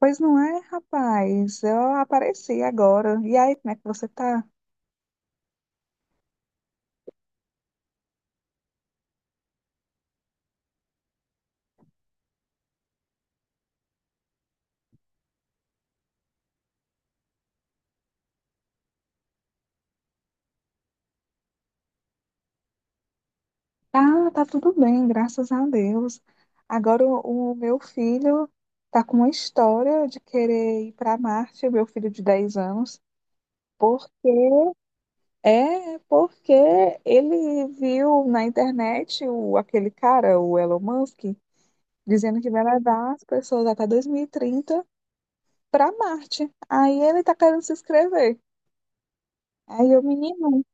Pois não é, rapaz? Eu apareci agora. E aí, como é que você tá? Tá, tudo bem, graças a Deus. Agora o meu filho tá com uma história de querer ir para Marte, o meu filho de 10 anos, porque é porque ele viu na internet aquele cara, o Elon Musk, dizendo que vai levar as pessoas até 2030 para Marte. Aí ele tá querendo se inscrever. Aí o menino,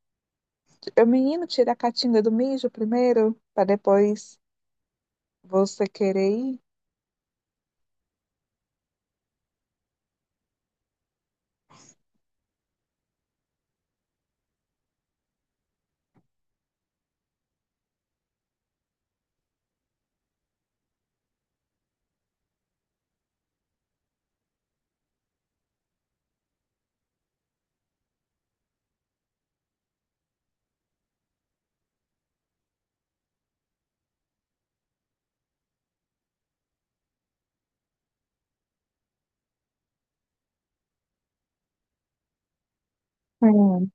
o menino, tira a catinga do mijo primeiro, para depois você querer ir. Sim.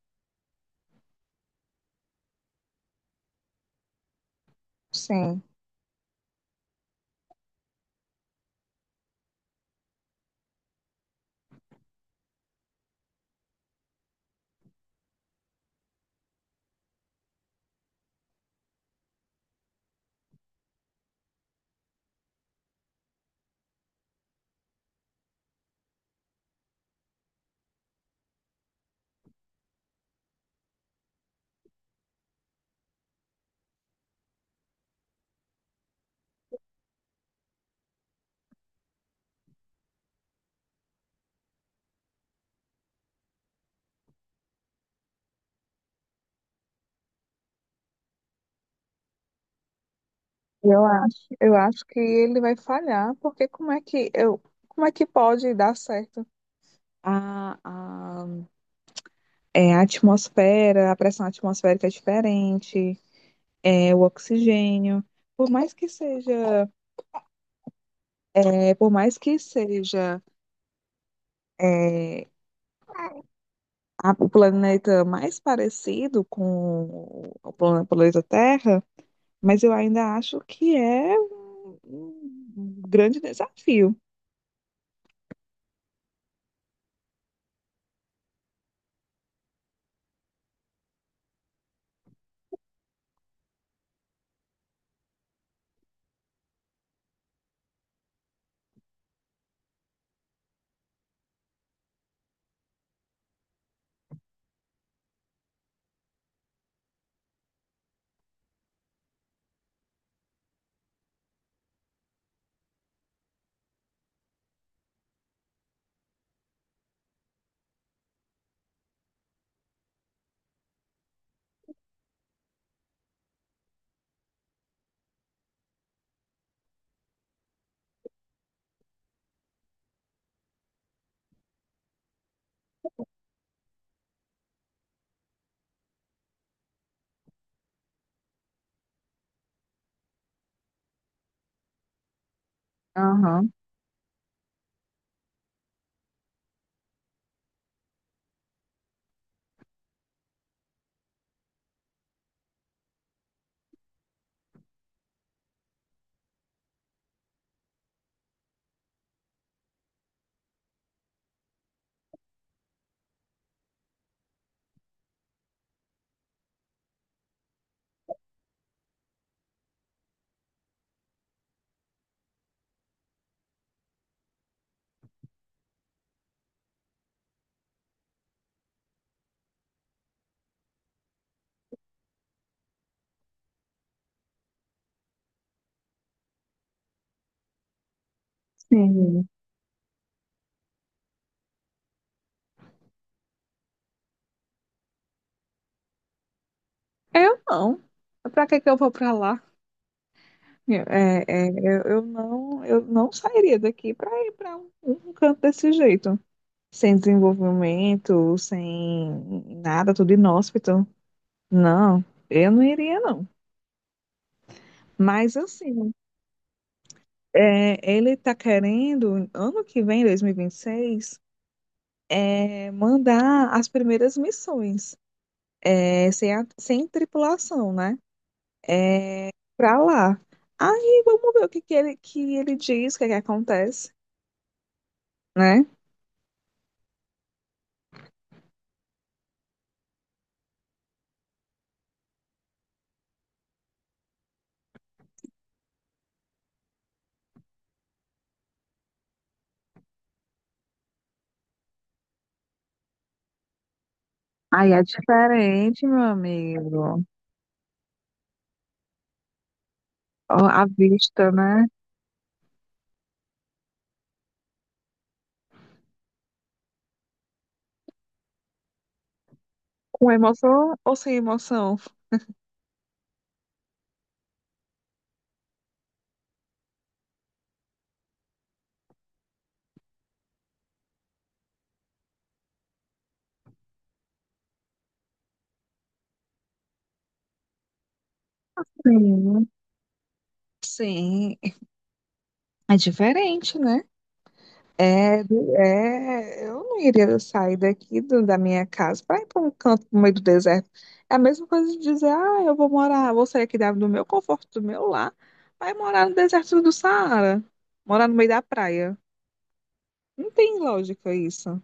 Sim. Eu acho que ele vai falhar, porque como é que pode dar certo? A, a, a atmosfera, a pressão atmosférica é diferente, o oxigênio, por mais que seja, é, por mais que seja é, o planeta mais parecido com o planeta Terra, mas eu ainda acho que é um grande desafio. Aham, sim. Eu não. Pra que que eu vou pra lá? Eu não sairia daqui pra ir pra um canto desse jeito. Sem desenvolvimento, sem nada, tudo inóspito. Não, eu não iria, não. Mas assim, ele tá querendo, ano que vem, 2026, mandar as primeiras missões, sem tripulação, né? Pra lá. Aí vamos ver o que que ele diz, o que que acontece. Né? Aí é diferente, meu amigo. Ó, a vista, né? Com emoção ou sem emoção? Sim. Sim, é diferente, né? Eu não iria sair daqui da minha casa para ir para um canto no meio do deserto. É a mesma coisa de dizer, ah, eu vou morar, vou sair aqui do meu conforto, do meu lar, vai morar no deserto do Saara, morar no meio da praia. Não tem lógica isso.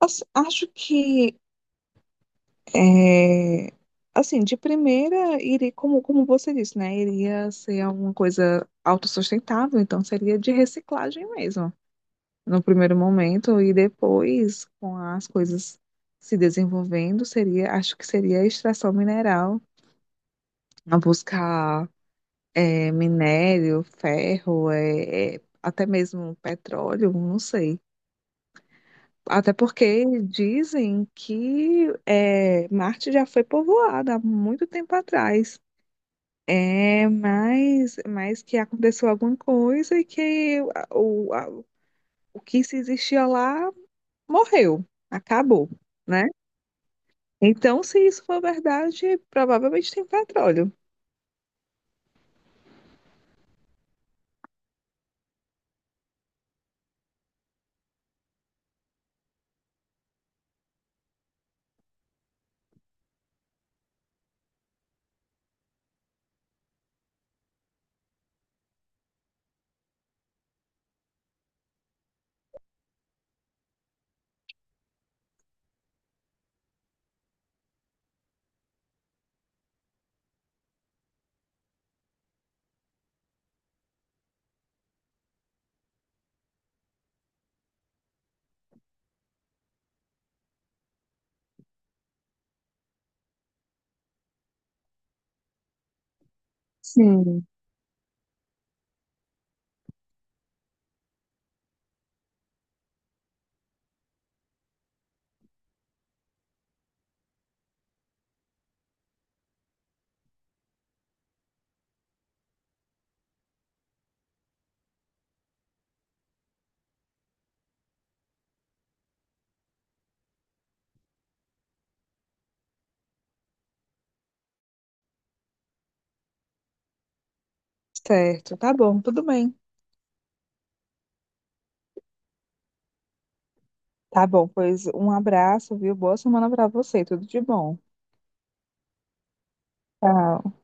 Assim, acho que É, assim, de primeira, iria, como, como você disse, né? Iria ser alguma coisa autossustentável, então seria de reciclagem mesmo, no primeiro momento, e depois, com as coisas se desenvolvendo, seria, acho que seria a extração mineral, a buscar minério, ferro, até mesmo petróleo, não sei. Até porque dizem que Marte já foi povoada há muito tempo atrás. Mas que aconteceu alguma coisa e que o, a- o que se existia lá morreu, acabou, né? Então, se isso for verdade, provavelmente tem petróleo. Sim. Certo, tá bom, tudo bem. Tá bom, pois um abraço, viu? Boa semana pra você, tudo de bom. Tchau.